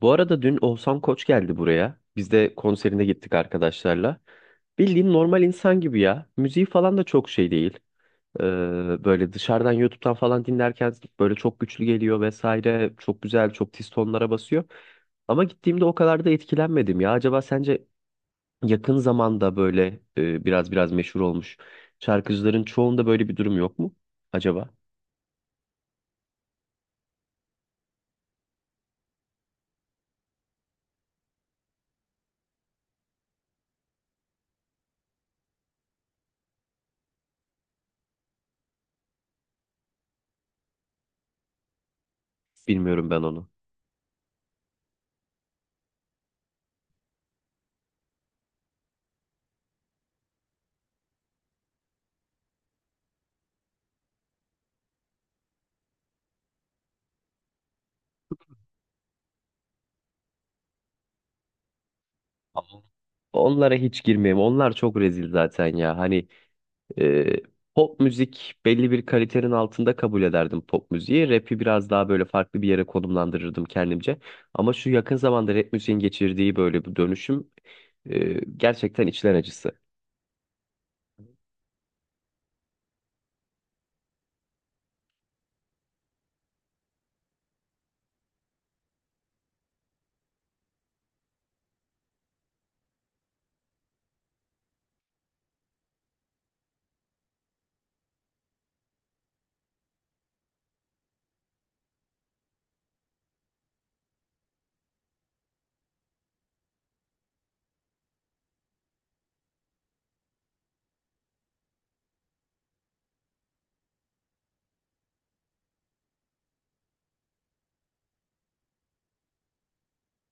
Bu arada dün Oğuzhan Koç geldi buraya. Biz de konserine gittik arkadaşlarla. Bildiğin normal insan gibi ya. Müziği falan da çok şey değil. Böyle dışarıdan YouTube'dan falan dinlerken böyle çok güçlü geliyor vesaire. Çok güzel, çok tiz tonlara basıyor. Ama gittiğimde o kadar da etkilenmedim ya. Acaba sence yakın zamanda böyle biraz meşhur olmuş şarkıcıların çoğunda böyle bir durum yok mu? Acaba? Bilmiyorum ben onu. Onlara hiç girmeyeyim. Onlar çok rezil zaten ya. Ee, Pop müzik belli bir kalitenin altında kabul ederdim pop müziği. Rap'i biraz daha böyle farklı bir yere konumlandırırdım kendimce. Ama şu yakın zamanda rap müziğin geçirdiği böyle bir dönüşüm gerçekten içler acısı.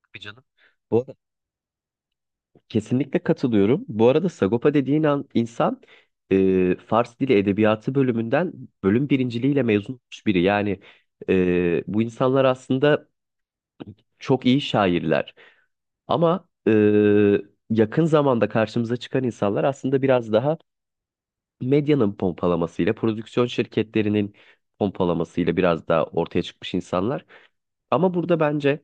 Tabii canım. Bu arada kesinlikle katılıyorum. Bu arada Sagopa dediğin an, insan Fars Dili Edebiyatı bölümünden bölüm birinciliğiyle mezun olmuş biri. Yani bu insanlar aslında çok iyi şairler. Ama yakın zamanda karşımıza çıkan insanlar aslında biraz daha medyanın pompalamasıyla, prodüksiyon şirketlerinin pompalamasıyla biraz daha ortaya çıkmış insanlar. Ama burada bence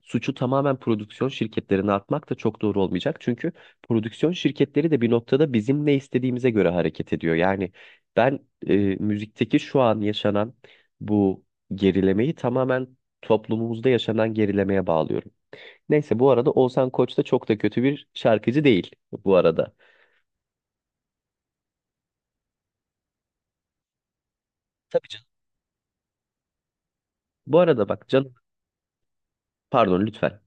suçu tamamen prodüksiyon şirketlerine atmak da çok doğru olmayacak. Çünkü prodüksiyon şirketleri de bir noktada bizim ne istediğimize göre hareket ediyor. Yani ben müzikteki şu an yaşanan bu gerilemeyi tamamen toplumumuzda yaşanan gerilemeye bağlıyorum. Neyse bu arada Oğuzhan Koç da çok da kötü bir şarkıcı değil bu arada. Tabii canım. Bu arada bak canım, pardon lütfen.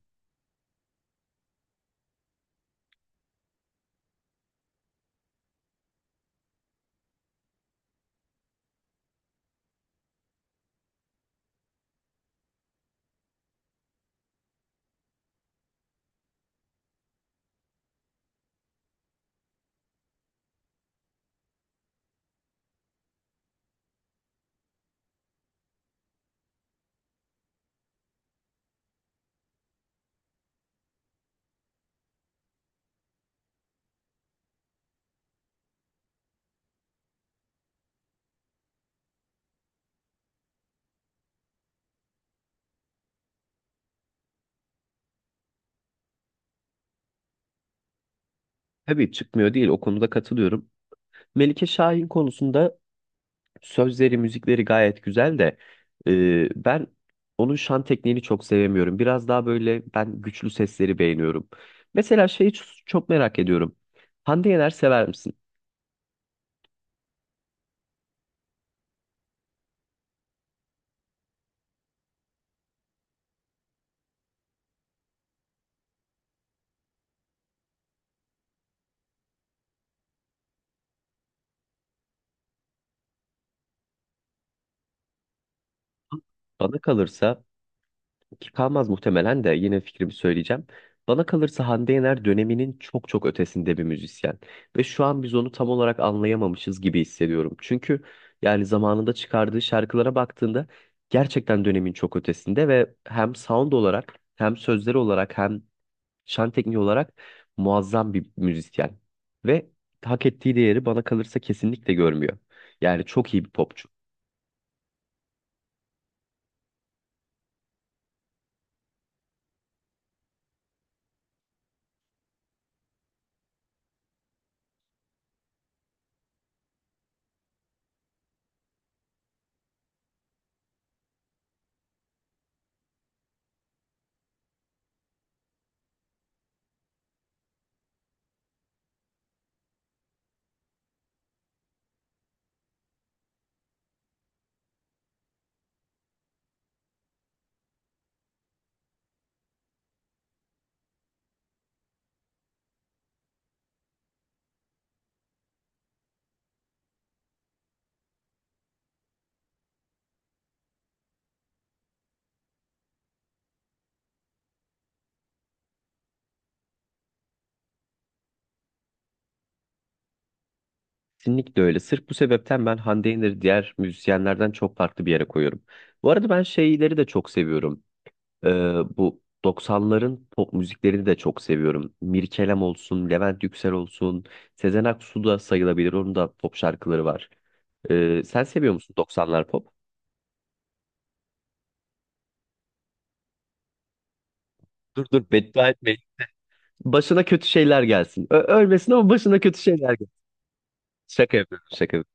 Tabii çıkmıyor değil, o konuda katılıyorum. Melike Şahin konusunda sözleri müzikleri gayet güzel de ben onun şan tekniğini çok sevemiyorum. Biraz daha böyle ben güçlü sesleri beğeniyorum. Mesela şeyi çok merak ediyorum. Hande Yener sever misin? Bana kalırsa, ki kalmaz muhtemelen, de yine fikrimi söyleyeceğim. Bana kalırsa Hande Yener döneminin çok ötesinde bir müzisyen. Ve şu an biz onu tam olarak anlayamamışız gibi hissediyorum. Çünkü yani zamanında çıkardığı şarkılara baktığında gerçekten dönemin çok ötesinde ve hem sound olarak hem sözleri olarak hem şan tekniği olarak muazzam bir müzisyen. Ve hak ettiği değeri bana kalırsa kesinlikle görmüyor. Yani çok iyi bir popçu. Kesinlikle öyle. Sırf bu sebepten ben Hande Yener'i diğer müzisyenlerden çok farklı bir yere koyuyorum. Bu arada ben şeyleri de çok seviyorum. Ee, Bu 90'ların pop müziklerini de çok seviyorum. Mirkelam olsun, Levent Yüksel olsun, Sezen Aksu da sayılabilir. Onun da pop şarkıları var. Sen seviyor musun 90'lar pop? Dur beddua etme. Başına kötü şeyler gelsin. Ölmesin ama başına kötü şeyler gelsin. Şaka yapıyorum.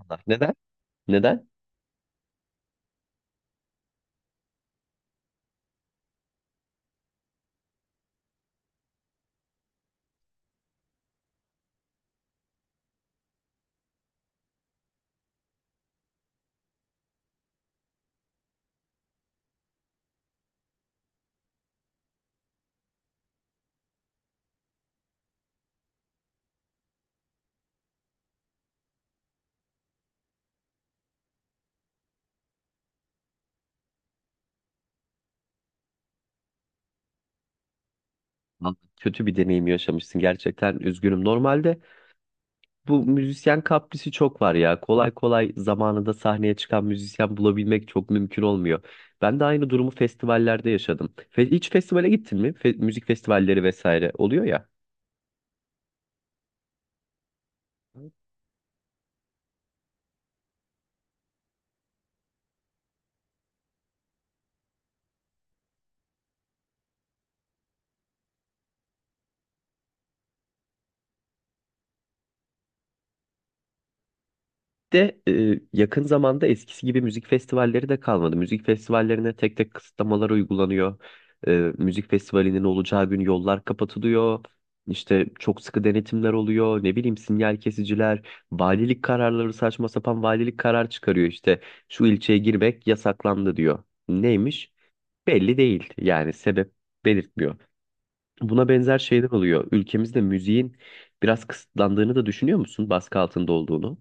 Allah. Neden? Neden? Lan, kötü bir deneyim yaşamışsın gerçekten. Üzgünüm. Normalde bu müzisyen kaprisi çok var ya. Kolay kolay zamanında sahneye çıkan müzisyen bulabilmek çok mümkün olmuyor. Ben de aynı durumu festivallerde yaşadım. Hiç festivale gittin mi? Müzik festivalleri vesaire oluyor ya. Evet. de yakın zamanda eskisi gibi müzik festivalleri de kalmadı. Müzik festivallerine tek tek kısıtlamalar uygulanıyor. E, Müzik festivalinin olacağı gün yollar kapatılıyor. İşte çok sıkı denetimler oluyor. Ne bileyim sinyal kesiciler, valilik kararları, saçma sapan valilik karar çıkarıyor işte. Şu ilçeye girmek yasaklandı diyor. Neymiş? Belli değil. Yani sebep belirtmiyor. Buna benzer şeyler oluyor. Ülkemizde müziğin biraz kısıtlandığını da düşünüyor musun? Baskı altında olduğunu.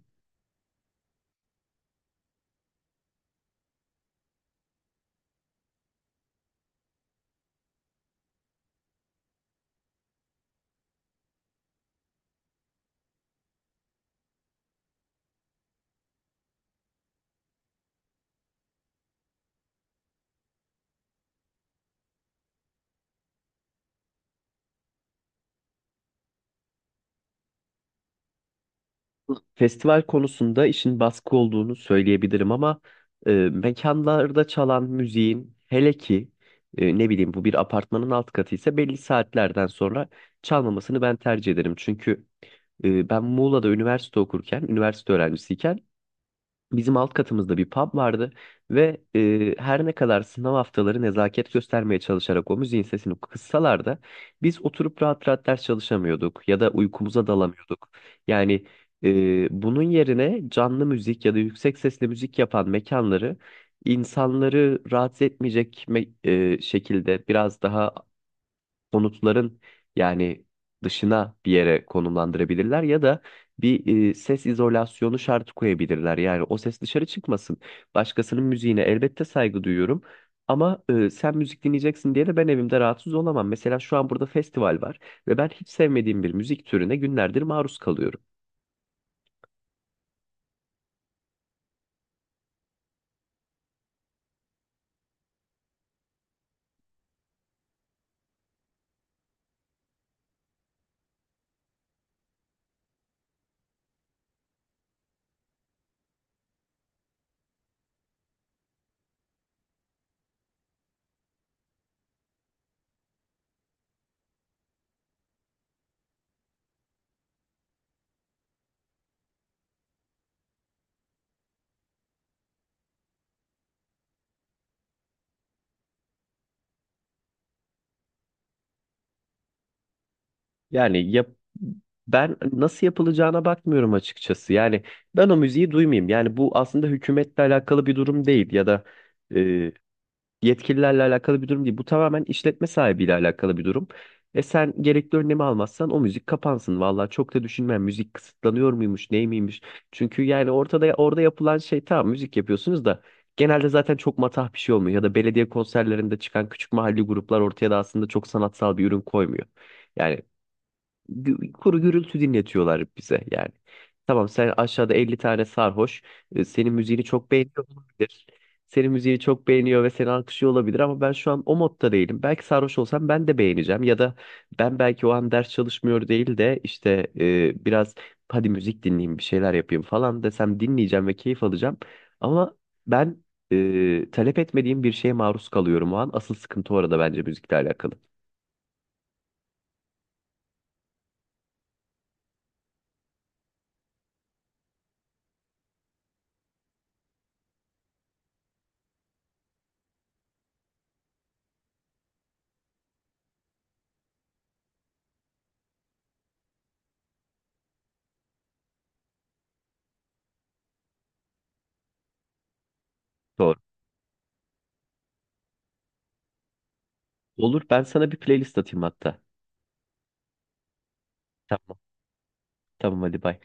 Festival konusunda işin baskı olduğunu söyleyebilirim ama mekanlarda çalan müziğin hele ki ne bileyim bu bir apartmanın alt katı ise belli saatlerden sonra çalmamasını ben tercih ederim. Çünkü ben Muğla'da üniversite okurken, üniversite öğrencisiyken bizim alt katımızda bir pub vardı ve her ne kadar sınav haftaları nezaket göstermeye çalışarak o müziğin sesini kıssalar da biz oturup rahat rahat ders çalışamıyorduk ya da uykumuza dalamıyorduk. Yani bunun yerine canlı müzik ya da yüksek sesli müzik yapan mekanları, insanları rahatsız etmeyecek şekilde biraz daha konutların yani dışına bir yere konumlandırabilirler ya da bir ses izolasyonu şartı koyabilirler. Yani o ses dışarı çıkmasın. Başkasının müziğine elbette saygı duyuyorum. Ama sen müzik dinleyeceksin diye de ben evimde rahatsız olamam. Mesela şu an burada festival var ve ben hiç sevmediğim bir müzik türüne günlerdir maruz kalıyorum. Yani yap, ben nasıl yapılacağına bakmıyorum açıkçası. Yani ben o müziği duymayayım. Yani bu aslında hükümetle alakalı bir durum değil ya da yetkililerle alakalı bir durum değil. Bu tamamen işletme sahibiyle alakalı bir durum. E sen gerekli önlemi almazsan o müzik kapansın. Vallahi çok da düşünmem müzik kısıtlanıyor muymuş, ney miymiş? Çünkü yani ortada, orada yapılan şey, tamam müzik yapıyorsunuz da genelde zaten çok matah bir şey olmuyor ya da belediye konserlerinde çıkan küçük mahalli gruplar ortaya da aslında çok sanatsal bir ürün koymuyor. Yani kuru gürültü dinletiyorlar bize yani. Tamam sen aşağıda 50 tane sarhoş, senin müziğini çok beğeniyor olabilir. Senin müziğini çok beğeniyor ve seni alkışlıyor olabilir ama ben şu an o modda değilim. Belki sarhoş olsam ben de beğeneceğim ya da ben belki o an ders çalışmıyor değil de işte biraz hadi müzik dinleyeyim bir şeyler yapayım falan desem dinleyeceğim ve keyif alacağım. Ama ben talep etmediğim bir şeye maruz kalıyorum o an. Asıl sıkıntı orada, bence müzikle alakalı. Doğru. Olur, ben sana bir playlist atayım hatta. Tamam. Tamam hadi bay.